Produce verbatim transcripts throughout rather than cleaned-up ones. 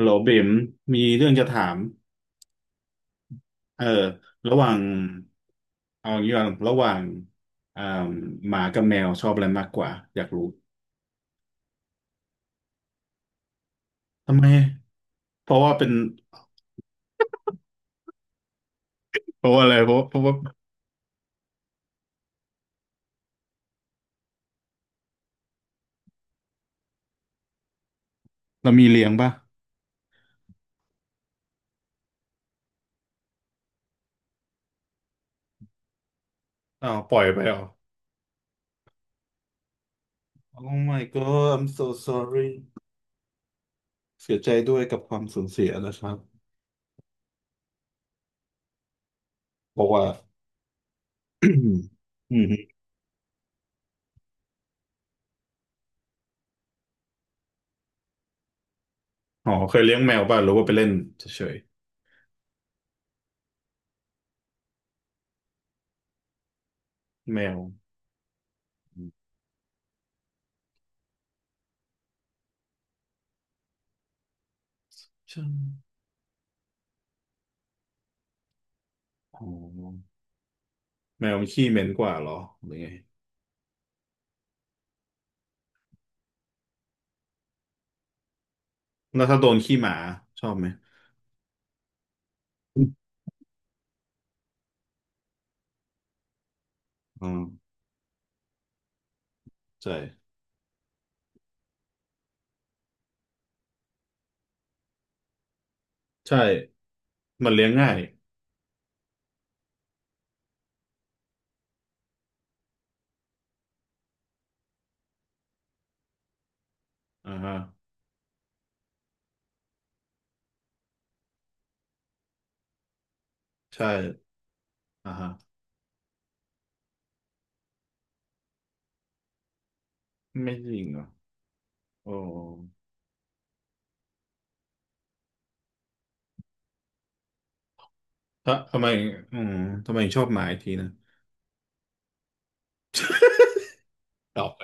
โหลเบ๋มมีเรื่องจะถามเออระหว่างเอาอย่างนี้ก่อนระหว่างอ่าหมากับแมวชอบอะไรมากกว่าอยากรู้ทำไมเพราะว่าเป็นเพราะว่าอะไรเพราะเพราะว่าเรามีเลี้ยงป่ะอ้าวปล่อยไปเหรอ Oh my god I'm so sorry เสียใจด้วยกับความสูญเสียนะครับเพราะว่า อืมอ๋อเคยเลี้ยงแมวป่ะหรือว่าไปเล่นเฉยๆแมวอืมใช่อ๋อแมวมันขี้เหม็นกว่าเหรอหรือไง แล้วถ้าโดนขี้หมาชอบไหมอืมใช่ใช่มันเลี้ยงง่ายอ่าฮะใช่อ่าฮะไม่จริงเหรอโอ้ถ้าทำไมอืมทำไมถึงชอบหมาอีกทีนะต่อไป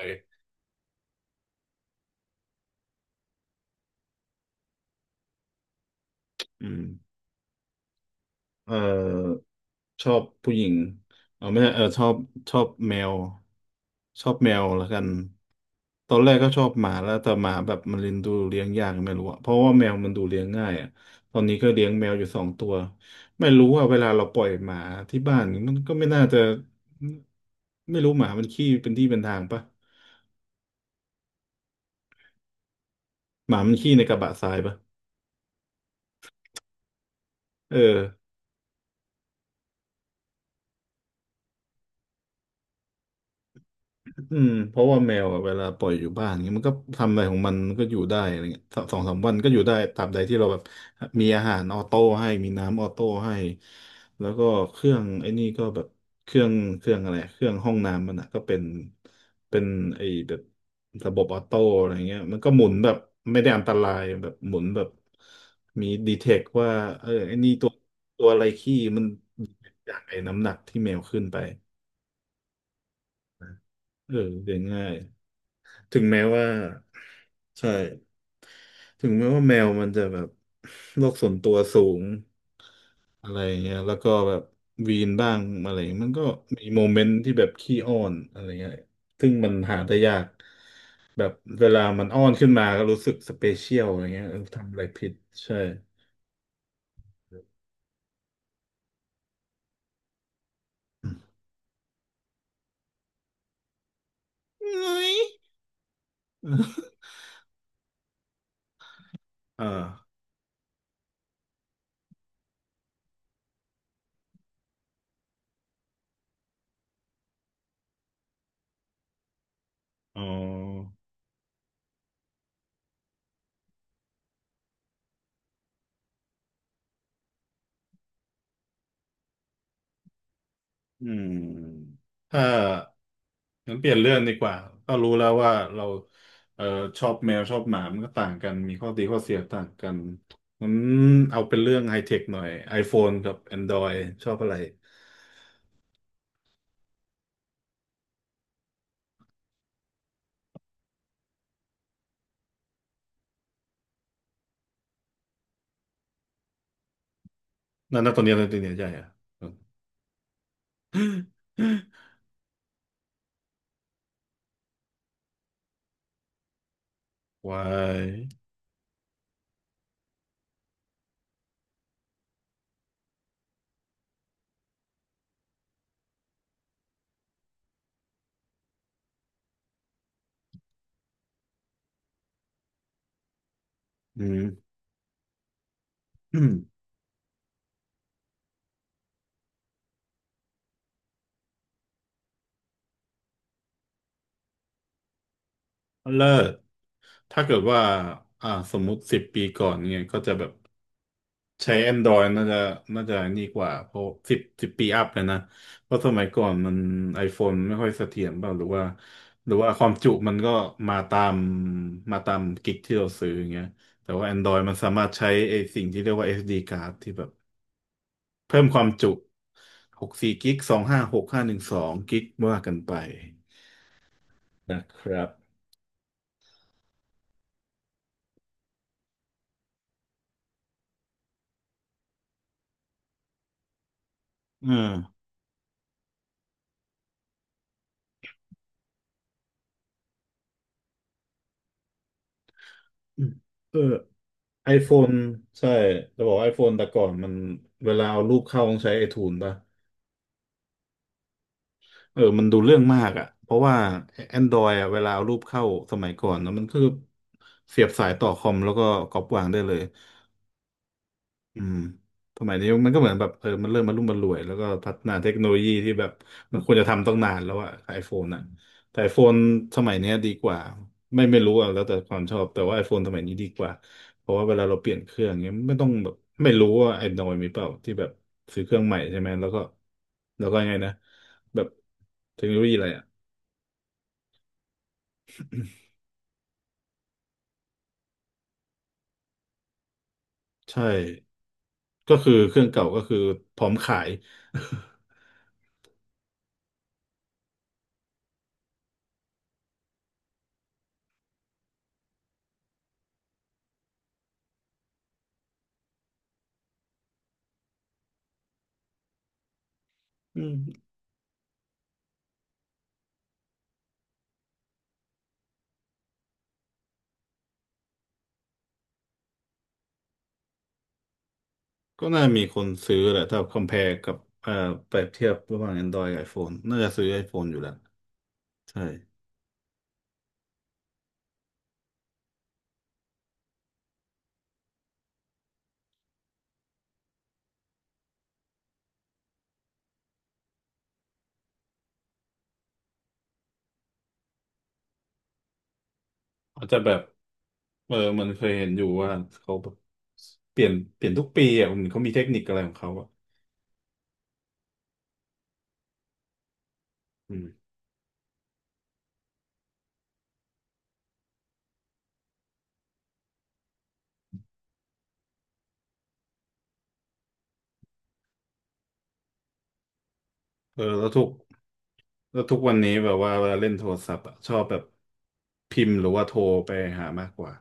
อืมเอ่อ ชอบผู้หญิงเอาไม่ใช่เออชอบชอบแมวชอบแมวแล้วกันตอนแรกก็ชอบหมาแล้วแต่หมาแบบมันเลี้ยงดูเลี้ยงยากไม่รู้อะเพราะว่าแมวมันดูเลี้ยงง่ายอะตอนนี้ก็เลี้ยงแมวอยู่สองตัวไม่รู้ว่าเวลาเราปล่อยหมาที่บ้านมันก็ไม่น่าจะไม่รู้หมามันขี้เป็นที่เป็นทางปะหมามันขี้ในกระบะทรายปะเออ อืมเพราะว่าแมวอะเวลาปล่อยอยู่บ้านเงี้ยมันก็ทำอะไรของมันมันก็อยู่ได้อะไรเงี้ยสสองสามวันก็อยู่ได้ตามใดที่เราแบบมีอาหารออโต้ให้มีน้ำออโต้ให้แล้วก็เครื่องไอ้นี่ก็แบบเครื่องเครื่องอะไรเครื่องห้องน้ำมันอ่ะก็เป็นเป็นไอ้แบบระบบออโต้อะไรเงี้ยมันก็หมุนแบบไม่ได้อันตรายแบบหมุนแบบมีดีเทคว่าเออไอ้นี่ตัวตัวอะไรขี้มันจากไอ้น้ำหนักที่แมวขึ้นไปเออเรียนง่าย ถึงแม้ว่าใช่ถึงแม้ว่าแมวมันจะแบบโลกส่วนตัวสูงอะไรเงี้ยแล้วก็แบบวีนบ้างอะไรเงี้ยมันก็มีโมเมนต์ที่แบบขี้อ้อนอะไรเงี้ยซึ่งมันหาได้ยากแบบเวลามันอ้อนขึ้นมาก็รู้สึกสเปเชียลอะไรเงี้ยเออทำอะไรผิดใช่ อ่าอ๋อ อืมถ้างั้นเปลี่ยนเรื่องดีกว่าก็รู้แล้วว่าเราเอ่อชอบแมวชอบหมามันก็ต่างกันมีข้อดีข้อเสียต่างกันงั้นเอาเป็นเรื่องไฮเทคหน่อย iPhone กับ Android ชอบอะไรนั่นนะตอนนี้ตอนนี้ใช่อะ วายอืม อืมเลิกถ้าเกิดว่าอ่าสมมุติสิบปีก่อนเนี่ยก็จะแบบ ใช้ Android น่าจะน่าจะนี่กว่าเพราะสิบสิบปีอัพเลยนะเพราะสมัยก่อนมัน iPhone ไม่ค่อยเสถียรบ้างหรือว่าหรือว่าความจุมันก็มาตามมาตามกิกที่เราซื้ออย่างเงี้ยแต่ว่า Android มันสามารถใช้ไอ้สิ่งที่เรียกว่า เอส ดี card ที่แบบเพิ่มความจุหก สี่กิกสอง ห้า หก ห้า หนึ่ง สองกสิบห้าหนึ่งสองกกว่ากันไปนะครับอ่าืเออ iPhone ใช่จะบอกว่า iPhone แต่ก่อนมันเวลาเอารูปเข้าต้องใช้ไอทู e ป่ะ เออมันดูเรื่องมากอ่ะเพราะว่า Android อ่ะเวลาเอารูปเข้าสมัยก่อนนะมันคือเสียบสายต่อคอมแล้วก็ก๊อปวางได้เลยอืมสมัยนี้มันก็เหมือนแบบเออมันเริ่มมารุ่มมารวยแล้วก็พัฒนาเทคโนโลยีที่แบบมันควรจะทำตั้งนานแล้วอะไอโฟนอะแต่ไอโฟนสมัยเนี้ยดีกว่า ไม่ไม่รู้อะแล้วแต่ความชอบ แต่ว่าไอโฟนสมัยนี้ดีกว่าเพราะว่าเวลาเราเปลี่ยนเครื่องเนี้ยไม่ต้องแบบไม่รู้ว่าไอ้นอยมีเปล่าที่แบบซื้อเครื่องใหม่ใช่ไหมแล้วก็แล้วก็ยังไงนะแบบเทคโนโลยีอะไรอะ ใช่ก็คือเครื่องเก่าก็คือพร้อมขายอืม ก็น่ามีคนซื้อแหละถ้าคอม p พ r e กับเอ่อเปรียบเทียบระหว่าง Android กับ iPhone น่าจะซื้อ iPhone อยู่แล้วใช่อาจจะแบบเออมันเคยเห็นอยู่ว่าเขาแบบเปลี่ยนเปลี่ยนทุกปีอ่ะมันเขามีเทคนิคอะไรของเขาอ่ะอืมเออแล้วทุกแล้วทุกวันนี้แบบว่าเวลาเล่นโทรศัพท์อ่ะชอบแบบพิมพ์หรือว่าโทรไปหามากกว่า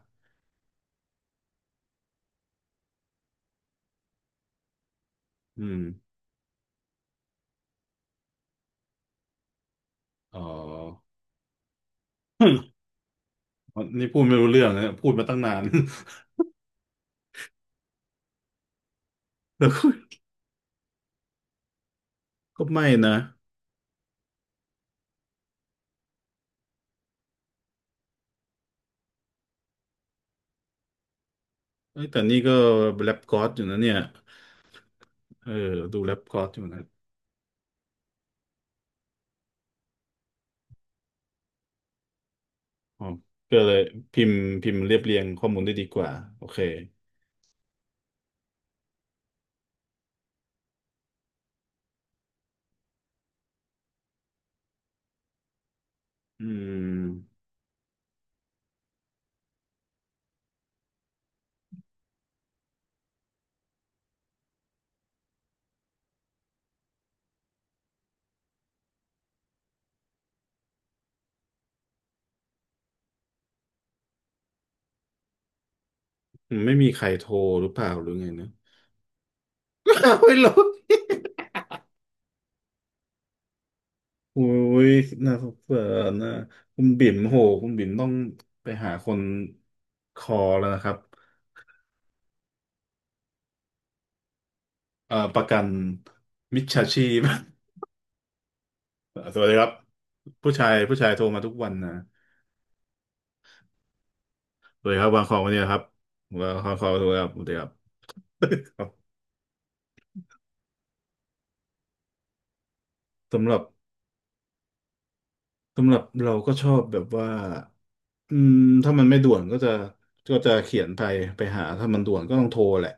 อืมอ๋อนี่พูดไม่รู้เรื่องนะพูดมาตั้งนาน ก็ไม่นะเอ้ยแต่นี่ก็แรปก๊อตอยู่นะเนี่ย เออดูแรปก๊อตอยู่นะอ๋อก็เลยพิมพ์พิมพ์เรียบเรียงข้อมูลได้ดีกว่าโอเคอืมไม่มีใครโทรหรือเปล่าหรือไงนะ ไม่รู้โอุ้ยน่าสงสารนะคุณบิ่มโหคุณบิ่มต้องไปหาคนคอแล้วนะครับเอ่อประกันมิจฉาชีพ สวัสดีครับผู้ชายผู้ชายโทรมาทุกวันนะ สวัสดีครับวางของวันนี้นะครับวางของสวัสดีครับสวัสดีครับ ครับสำหรับสำหรับเราก็ชอบแบบว่าอืมถ้ามันไม่ด่วนก็จะก็จะเขียนไปไปหาถ้ามันด่วนก็ต้องโทรแหละ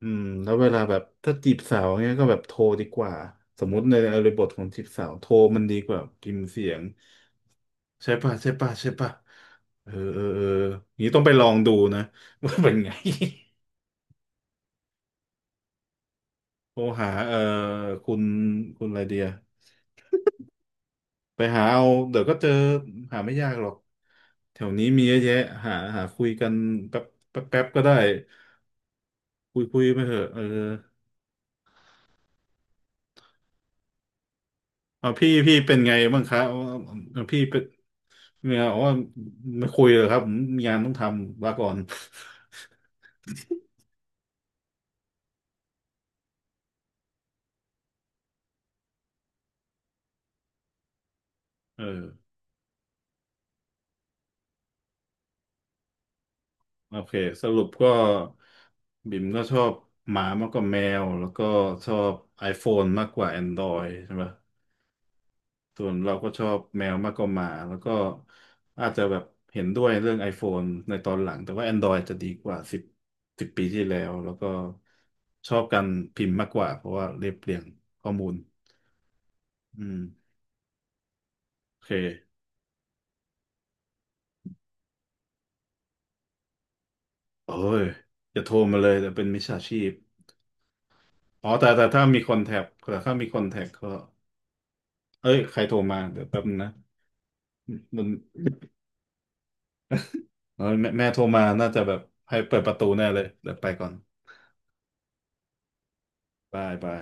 อืมแล้วเวลาแบบถ้าจีบสาวเงี้ยก็แบบโทรดีกว่าสมมุติในอริบทของจีบสาวโทรมันดีกว่าพิมพ์เสียงใช่ป่ะใช่ป่ะใช่ป่ะเออเออเออนี้ต้องไปลองดูนะ ว่าเป็นไง โทรหาเอ่อคุณคุณอะไรเดีย ไปหาเอาเดี๋ยวก็เจอหาไม่ยากหรอกแถวนี้มีเยอะแยะหาหาคุยกันแป๊บแป๊บแป๊บก็ได้คุยคุยไปเถอะเออเอาพี่พี่เป็นไงบ้างครับเอาพี่เป็นเนี่ยอ๋อไม่คุยเลยครับผมมีงานต้องทำลาก่อน เออโอเคสรุปก็บิ่มก็ชอบหมามากกว่าแมวแล้วก็ชอบ iPhone มากกว่า Android ใช่ไหม ส่วนเราก็ชอบแมวมากกว่าหมาแล้วก็อาจจะแบบเห็นด้วยเรื่อง iPhone ในตอนหลังแต่ว่า Android จะดีกว่าสิบสิบปีที่แล้วแล้วก็ชอบการพิมพ์มากกว่าเพราะว่าเรียบเรียงข้อมูลอืมโอเคเอ้ยอย่าโทรมาเลยแต่เป็นมิจฉาชีพอ๋อแต่แต่ถ้ามีคอนแทคแต่ถ้ามีคอนแทคก็เอ้ยใครโทรมาเดี๋ยวแป๊บนึงนะมันเอ้ยแม่แม่โทรมาน่าจะแบบให้เปิดประตูแน่เลยเดี๋ยวไปก่อนบายบาย